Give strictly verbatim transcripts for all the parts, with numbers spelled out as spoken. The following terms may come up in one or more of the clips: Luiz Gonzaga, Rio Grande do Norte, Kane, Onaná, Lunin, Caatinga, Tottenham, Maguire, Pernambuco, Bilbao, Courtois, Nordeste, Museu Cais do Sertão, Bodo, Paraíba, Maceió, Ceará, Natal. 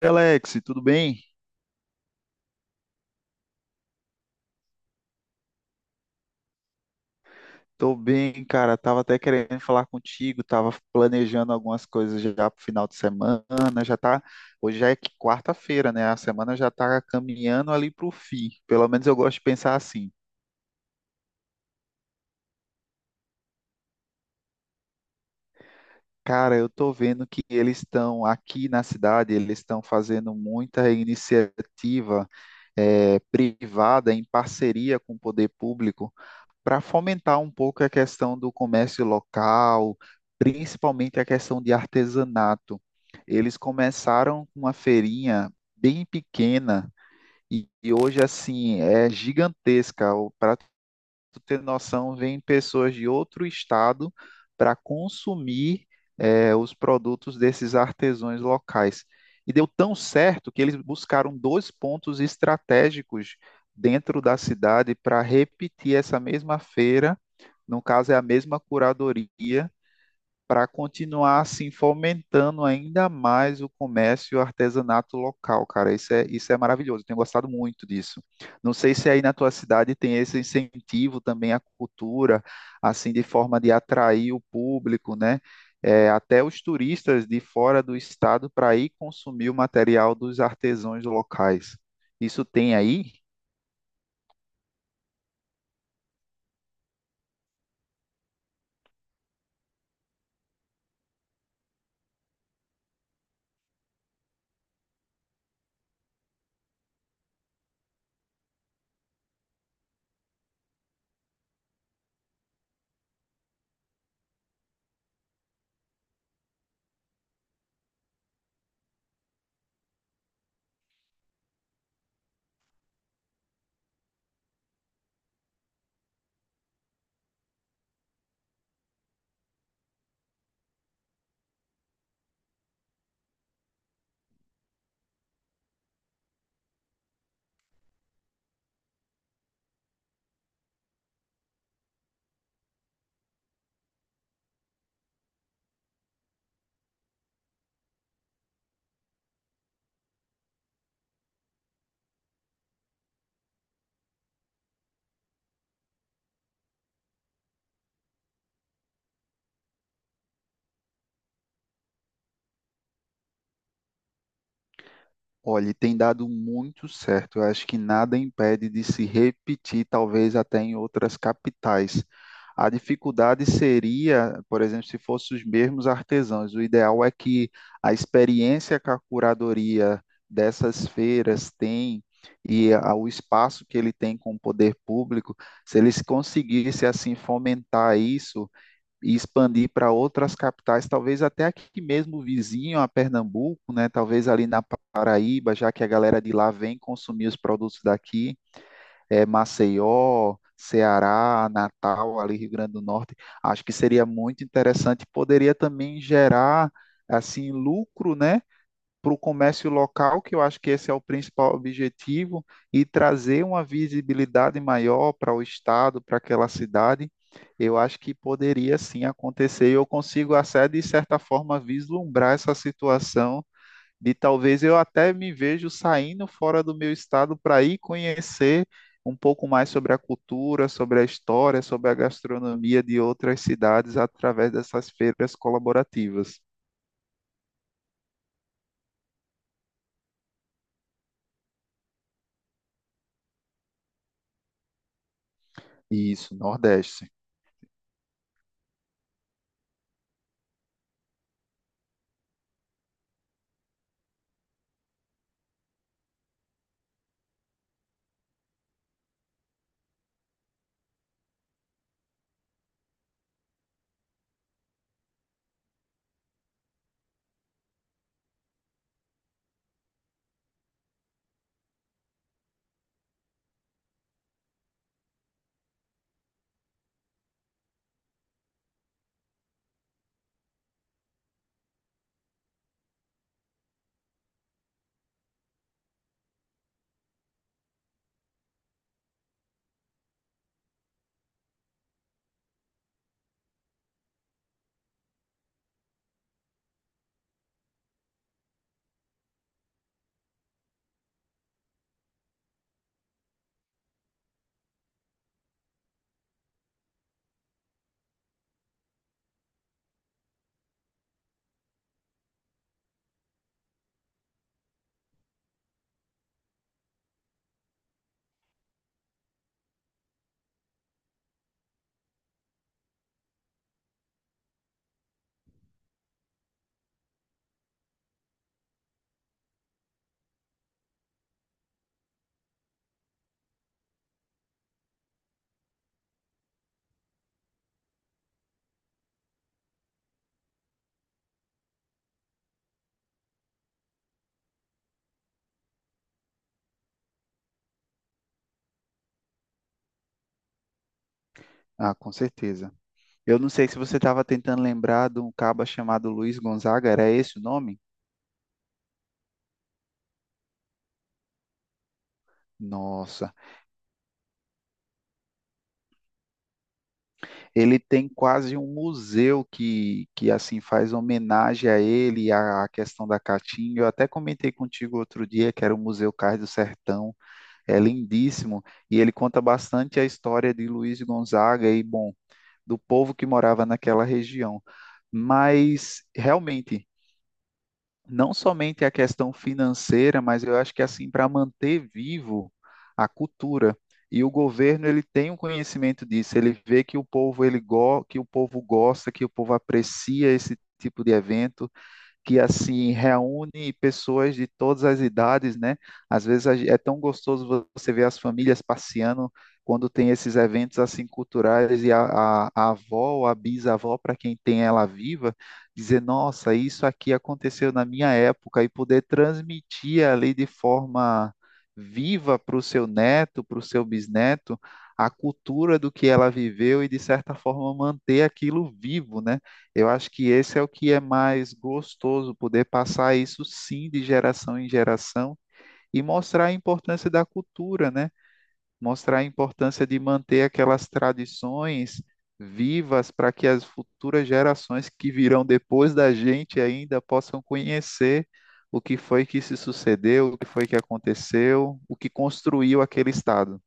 Alex, tudo bem? Tô bem, cara. Tava até querendo falar contigo, tava planejando algumas coisas já pro final de semana. Já tá, hoje já é que- quarta-feira, né? A semana já tá caminhando ali pro fim. Pelo menos eu gosto de pensar assim. Cara, eu tô vendo que eles estão aqui na cidade, eles estão fazendo muita iniciativa eh, privada em parceria com o poder público, para fomentar um pouco a questão do comércio local, principalmente a questão de artesanato. Eles começaram com uma feirinha bem pequena e, e hoje assim é gigantesca. Para tu ter noção, vêm pessoas de outro estado para consumir eh, os produtos desses artesãos locais. E deu tão certo que eles buscaram dois pontos estratégicos dentro da cidade para repetir essa mesma feira, no caso, é a mesma curadoria, para continuar assim fomentando ainda mais o comércio e o artesanato local, cara. Isso é, isso é maravilhoso. Eu Tenho gostado muito disso. Não sei se aí na tua cidade tem esse incentivo também à cultura, assim, de forma de atrair o público, né? É, até os turistas de fora do estado para ir consumir o material dos artesãos locais. Isso tem aí? Olha, e tem dado muito certo. Eu acho que nada impede de se repetir, talvez até em outras capitais. A dificuldade seria, por exemplo, se fossem os mesmos artesãos. O ideal é que a experiência que a curadoria dessas feiras tem e a- o espaço que ele tem com o poder público, se eles conseguissem assim fomentar isso e expandir para outras capitais, talvez até aqui mesmo vizinho a Pernambuco, né? Talvez ali na Paraíba, já que a galera de lá vem consumir os produtos daqui, é, Maceió, Ceará, Natal, ali Rio Grande do Norte. Acho que seria muito interessante, poderia também gerar assim lucro, né? Para o comércio local, que eu acho que esse é o principal objetivo, e trazer uma visibilidade maior para o estado, para aquela cidade, eu acho que poderia sim acontecer. Eu consigo até, de certa forma, vislumbrar essa situação de talvez, eu até me vejo saindo fora do meu estado para ir conhecer um pouco mais sobre a cultura, sobre a história, sobre a gastronomia de outras cidades através dessas feiras colaborativas. Isso, Nordeste. Ah, com certeza. Eu não sei se você estava tentando lembrar de um caba chamado Luiz Gonzaga, era esse o nome? Nossa, ele tem quase um museu que, que assim faz homenagem a ele, à à questão da caatinga. Eu até comentei contigo outro dia que era o Museu Cais do Sertão, é lindíssimo e ele conta bastante a história de Luiz Gonzaga e, bom, do povo que morava naquela região. Mas realmente não somente a questão financeira, mas eu acho que assim para manter vivo a cultura. E o governo ele tem um conhecimento disso, ele vê que o povo ele go que o povo gosta, que o povo aprecia esse tipo de evento que assim reúne pessoas de todas as idades, né? Às vezes a gen- é tão gostoso vo- você ver as famílias passeando quando tem esses eventos assim culturais e a, a, a avó ou a bisavó, para quem tem ela viva, dizer, nossa, isso aqui aconteceu na minha época e poder transmitir ali de forma viva para o seu neto, para o seu bisneto, a cultura do que ela viveu e de certa forma manter aquilo vivo, né? Eu acho que esse é o que é mais gostoso, poder passar isso sim de geração em geração e mostrar a importância da cultura, né? Mostrar a importância de manter aquelas tradições vivas para que as futuras gerações que virão depois da gente ainda possam conhecer o que foi que se sucedeu, o que foi que aconteceu, o que construiu aquele estado.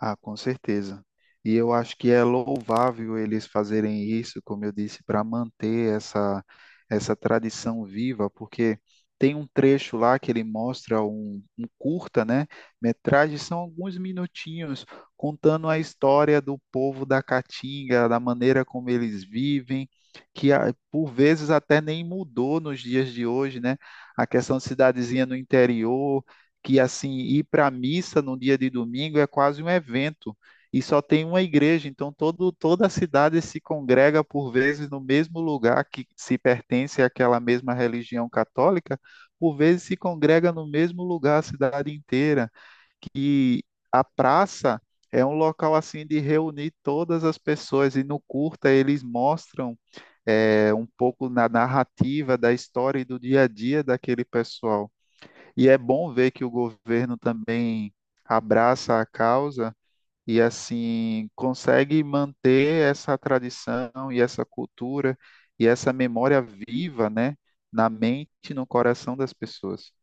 Ah, com certeza. E eu acho que é louvável eles fazerem isso, como eu disse, para manter essa, essa tradição viva, porque tem um trecho lá que ele mostra um, um curta, né? Metragem, são alguns minutinhos contando a história do povo da Caatinga, da maneira como eles vivem, que ah, por vezes até nem mudou nos dias de hoje, né? A questão de cidadezinha no interior que assim ir para a missa no dia de domingo é quase um evento e só tem uma igreja, então todo, toda a cidade se congrega por vezes no mesmo lugar que se pertence àquela mesma religião católica, por vezes se congrega no mesmo lugar a cidade inteira, que a praça é um local assim de reunir todas as pessoas e no curta eles mostram é, um pouco na narrativa da história e do dia a dia daquele pessoal. E é bom ver que o governo também abraça a causa e assim consegue manter essa tradição e essa cultura e essa memória viva, né, na mente e no coração das pessoas.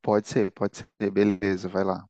Pode ser, pode ser, beleza, vai lá.